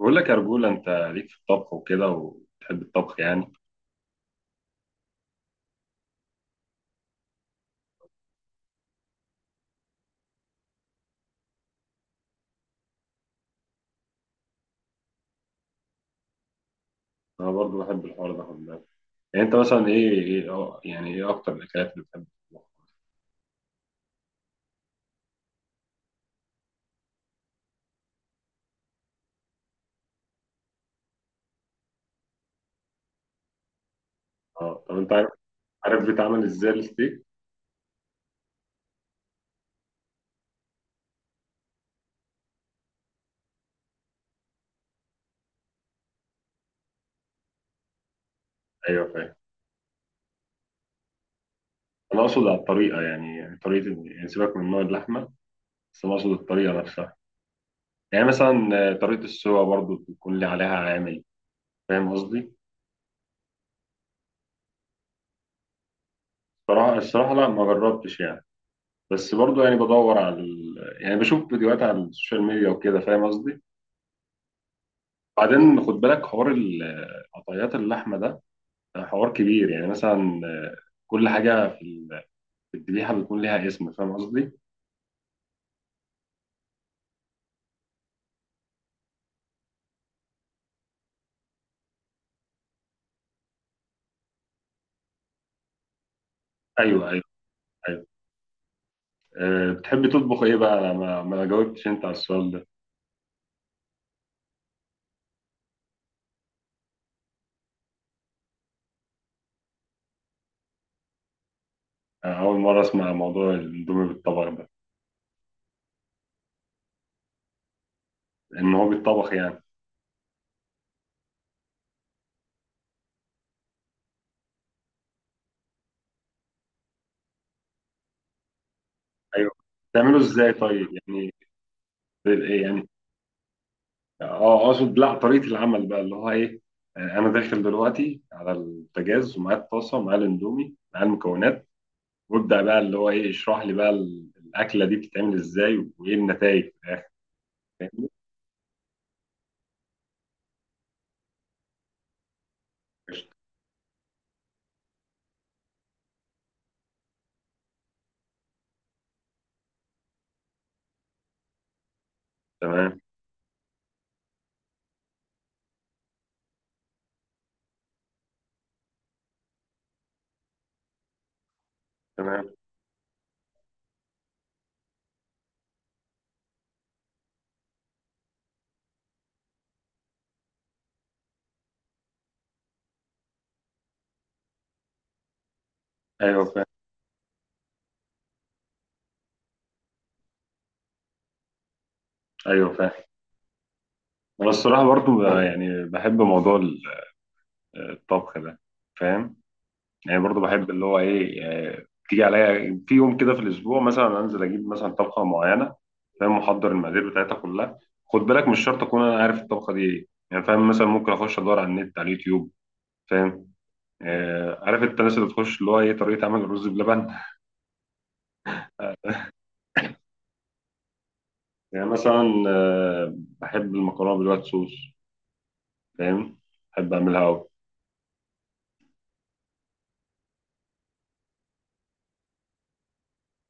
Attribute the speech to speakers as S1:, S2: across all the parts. S1: بقول لك يا رجولة، انت ليك في الطبخ وكده وتحب الطبخ يعني. انا برضو بحب الحوار ده، خد بالك. يعني انت مثلا ايه ايه اه يعني ايه اكتر الاكلات اللي بتحب تطبخها؟ اه، طب انت عارف بيتعمل ازاي الستيك؟ ايوه، فاهم. انا اقصد على الطريقه، يعني يعني سيبك من نوع اللحمه. بس انا اقصد الطريقه نفسها. يعني مثلا طريقه السوا برضو بيكون لي عليها عامل. فاهم قصدي؟ الصراحه لا، ما جربتش يعني. بس برضو يعني بدور على يعني بشوف فيديوهات على السوشيال ميديا وكده، فاهم قصدي. بعدين خد بالك، حوار قطعيات اللحمة ده، حوار كبير. يعني مثلا كل حاجة في في الذبيحة بيكون ليها اسم، فاهم قصدي؟ أيوه، أيوه، أيوه. بتحب تطبخ إيه بقى؟ أنا ما جاوبتش أنت على السؤال ده. أنا أول مرة أسمع موضوع الأندومي بالطبخ ده. إن هو بيتطبخ يعني؟ أيوه. بتعمله إزاي طيب؟ يعني إيه يعني؟ أه، أقصد لا، طريقة العمل بقى اللي هو إيه؟ أنا داخل دلوقتي على البوتاجاز ومعايا الطاسة ومعايا الأندومي معايا المكونات، وابدا بقى اللي هو ايه، اشرح لي بقى الاكله دي بتتعمل ازاي وايه النتائج؟ تمام. تمام. ايوه، فاهم. ايوه، فاهم. انا الصراحه برضو يعني بحب موضوع الطبخ ده، فاهم. يعني برضو بحب اللي هو ايه، تيجي عليا في يوم كده في الاسبوع، مثلا انزل اجيب مثلا طبخه معينه. فاهم، محضر المقادير بتاعتها كلها. خد بالك، مش شرط اكون انا عارف الطبخه دي ايه يعني، فاهم، مثلا ممكن اخش ادور على النت على اليوتيوب. فاهم. عارف انت الناس اللي تخش اللي هو ايه طريقه عمل الرز بلبن. يعني مثلا بحب المكرونة بالوايت صوص، فاهم، بحب أعملها أوي.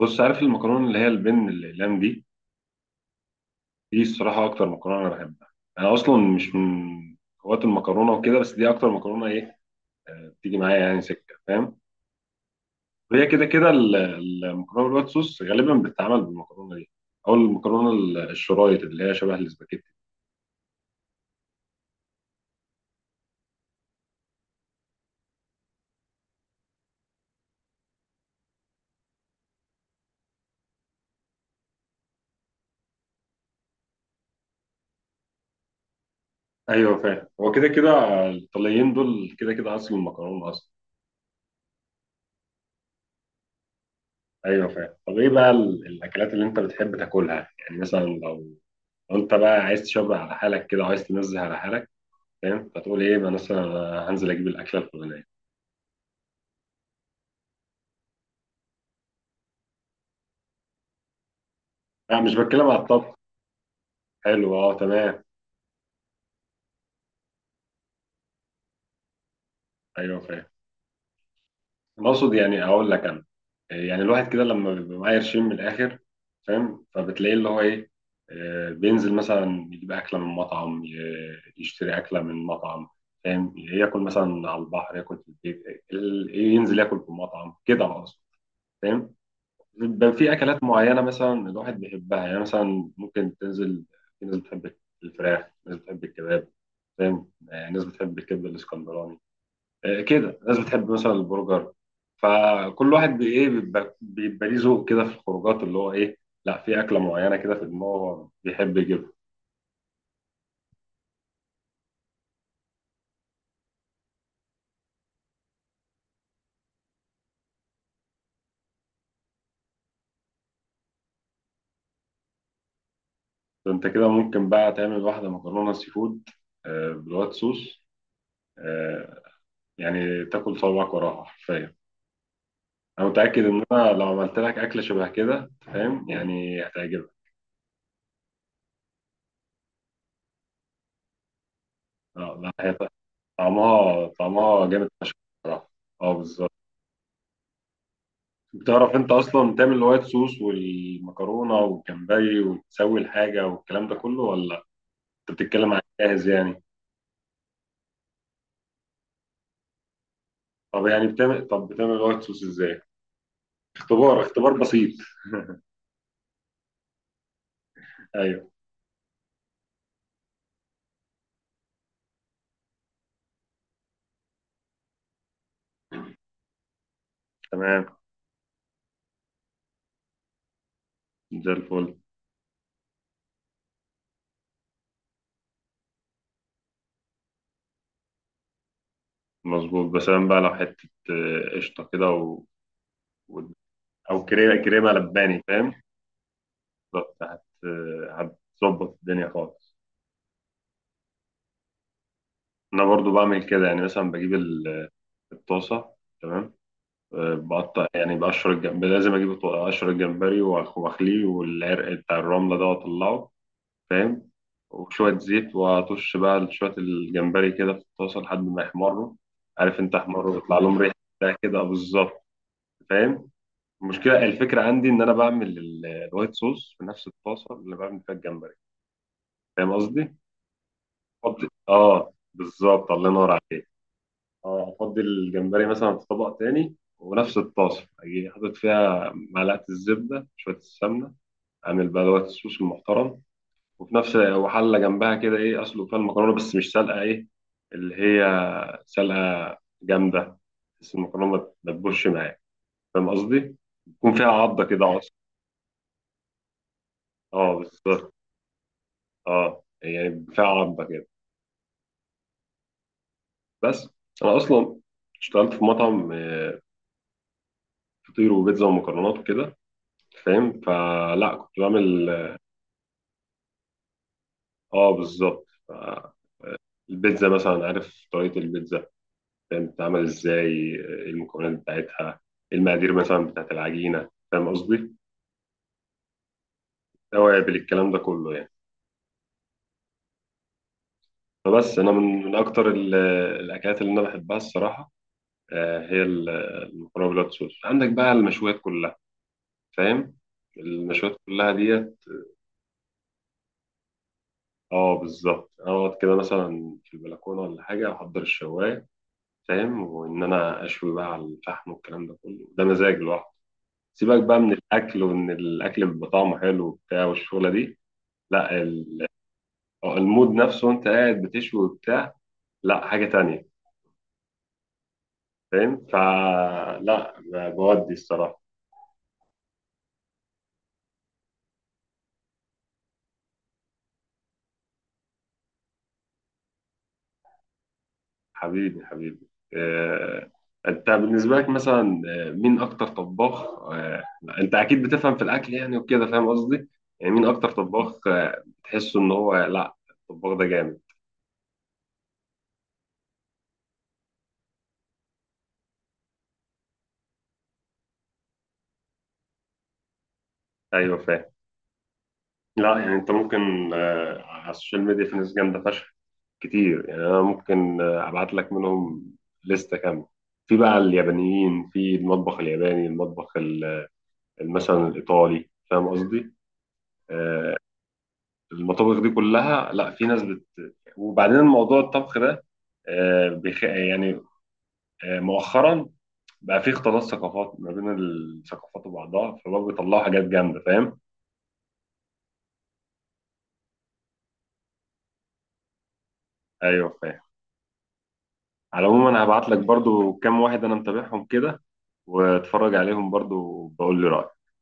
S1: بص، عارف المكرونة اللي هي البن الأقلام دي؟ دي الصراحة أكتر مكرونة أنا بحبها. أنا أصلا مش من هواة المكرونة وكده، بس دي أكتر مكرونة إيه، بتيجي معايا يعني سكة، فاهم. وهي كده كده المكرونة بالوايت صوص غالبا بتتعمل بالمكرونة دي، أو المكرونة الشرايط اللي هي شبه الاسباجيتي. أيوه، فاهم. هو كده كده الإيطاليين دول كده كده أصل المكرونة أصلا. ايوه، فاهم. طب ايه بقى الاكلات اللي انت بتحب تاكلها؟ يعني مثلا لو انت بقى عايز تشبع على حالك كده وعايز تنزه على حالك، فاهم، فتقول ايه بقى؟ مثلا أنا هنزل اجيب الاكله الفلانيه. لا، مش بتكلم على الطبخ. حلو، اه، تمام. ايوه، فاهم. أنا اقصد يعني اقول لك انا، يعني الواحد كده لما بيبقى معاه قرشين من الاخر، فاهم، فبتلاقيه اللي هو ايه، بينزل مثلا يجيب اكله من مطعم، يشتري اكله من مطعم، فاهم، ياكل مثلا على البحر، ياكل في البيت، ينزل ياكل في مطعم، كده اقصد، فاهم. بيبقى في اكلات معينه مثلا الواحد بيحبها، يعني مثلا ممكن تنزل. في ناس بتحب الفراخ، ناس بتحب الكباب، فاهم، ناس بتحب الكبده الاسكندراني، كده ناس بتحب مثلا البرجر. فكل واحد بي- ايه بيبقى بيبقى ليه ذوق كده في الخروجات اللي هو ايه، لا، في اكله معينه كده في دماغه بيحب يجيبها. فانت كده ممكن بقى تعمل واحده مكرونه سي فود، بالوايت صوص، آه، يعني تاكل صوابعك وراها حرفيا. انا متاكد ان انا لو عملت لك اكله شبه كده، فاهم يعني، هتعجبك. اه، لا، هي طعمها جامد فشخ. بصراحه. اه، بالظبط. بتعرف انت اصلا تعمل الوايت صوص والمكرونه والجمبري وتسوي الحاجه والكلام ده كله ولا انت بتتكلم عن جاهز يعني؟ طب يعني بتعمل، طب بتعمل الوايت صوص ازاي؟ اختبار بسيط. ايوه. تمام، زي الفل. مظبوط، بس أنا بقى لو حته قشطه كده، و- او كريمه لباني، فاهم. بالظبط، هتظبط الدنيا خالص. انا برضو بعمل كده، يعني مثلا بجيب الطاسه تمام. بقطع يعني بقشر الجمبري، لازم اجيب اقشر الجمبري، واخليه، والعرق بتاع الرمله ده واطلعه. فاهم. وشويه زيت، واطش بقى شويه الجمبري كده في الطاسه لحد ما يحمروا، عارف انت احمروا، ويطلع لهم ريحه بتاع كده، بالظبط فاهم. المشكله، الفكره عندي ان انا بعمل الوايت صوص في نفس الطاسه اللي بعمل فيها الجمبري. فاهم قصدي؟ افضي، اه، بالظبط، الله ينور عليك. اه، افضي الجمبري مثلا في طبق تاني، ونفس الطاسه اجي حاطط فيها معلقه الزبده، شويه السمنه. اعمل بقى دوت الصوص المحترم. وفي نفس وحله جنبها كده ايه، اسلق فيها المكرونه بس مش سلقه ايه، اللي هي سلقه جامده، بس المكرونه ما تدبرش معاك. فاهم قصدي؟ يكون فيها عضه كده، عصر. اه، بالظبط. اه يعني فيها عضه كده. بس انا اصلا اشتغلت في مطعم، فطير وبيتزا ومكرونات وكده، فاهم، فلا كنت بعمل. اه، بالظبط، البيتزا مثلا، عارف طريقة البيتزا، فاهم، بتتعمل ازاي، ايه المكونات بتاعتها، ايه المقادير مثلا بتاعت العجينة، فاهم قصدي، توابل، الكلام ده كله يعني. فبس انا من اكتر الاكلات اللي انا بحبها الصراحة، هي المكرونة بالوايت صوص، عندك بقى المشويات كلها، فاهم، المشويات كلها ديت. اه، بالظبط، اقعد كده مثلا في البلكونة ولا حاجة، احضر الشواية، فاهم، وان انا اشوي بقى على الفحم والكلام ده كله، ده مزاج لوحده. سيبك بقى من الاكل وان الاكل بيبقى طعمه حلو وبتاع والشغله دي، لا، المود نفسه وانت قاعد بتشوي وبتاع، لا، حاجه تانية، فاهم، فلا، بودي الصراحه. حبيبي، حبيبي. آه، انت بالنسبه لك مثلا مين اكتر طباخ، آه، انت اكيد بتفهم في الاكل يعني وكده، فاهم قصدي، يعني مين اكتر طباخ تحسه ان هو، لا، الطباخ ده جامد. ايوه، فاهم. لا، يعني انت ممكن على السوشيال ميديا في ناس جامده فشخ كتير، يعني انا ممكن ابعت لك منهم لستة كامله. في بقى اليابانيين في المطبخ الياباني، المطبخ مثلا الايطالي، فاهم قصدي. آه، المطابخ دي كلها، لا في ناس وبعدين الموضوع الطبخ ده يعني مؤخرا بقى في اختلاط ثقافات ما بين الثقافات وبعضها، فبقى بيطلعوا حاجات جامده، فاهم. ايوه، فاهم. على العموم، انا هبعت لك برضو كام واحد انا متابعهم كده، واتفرج عليهم برضو وبقول لي رأيك.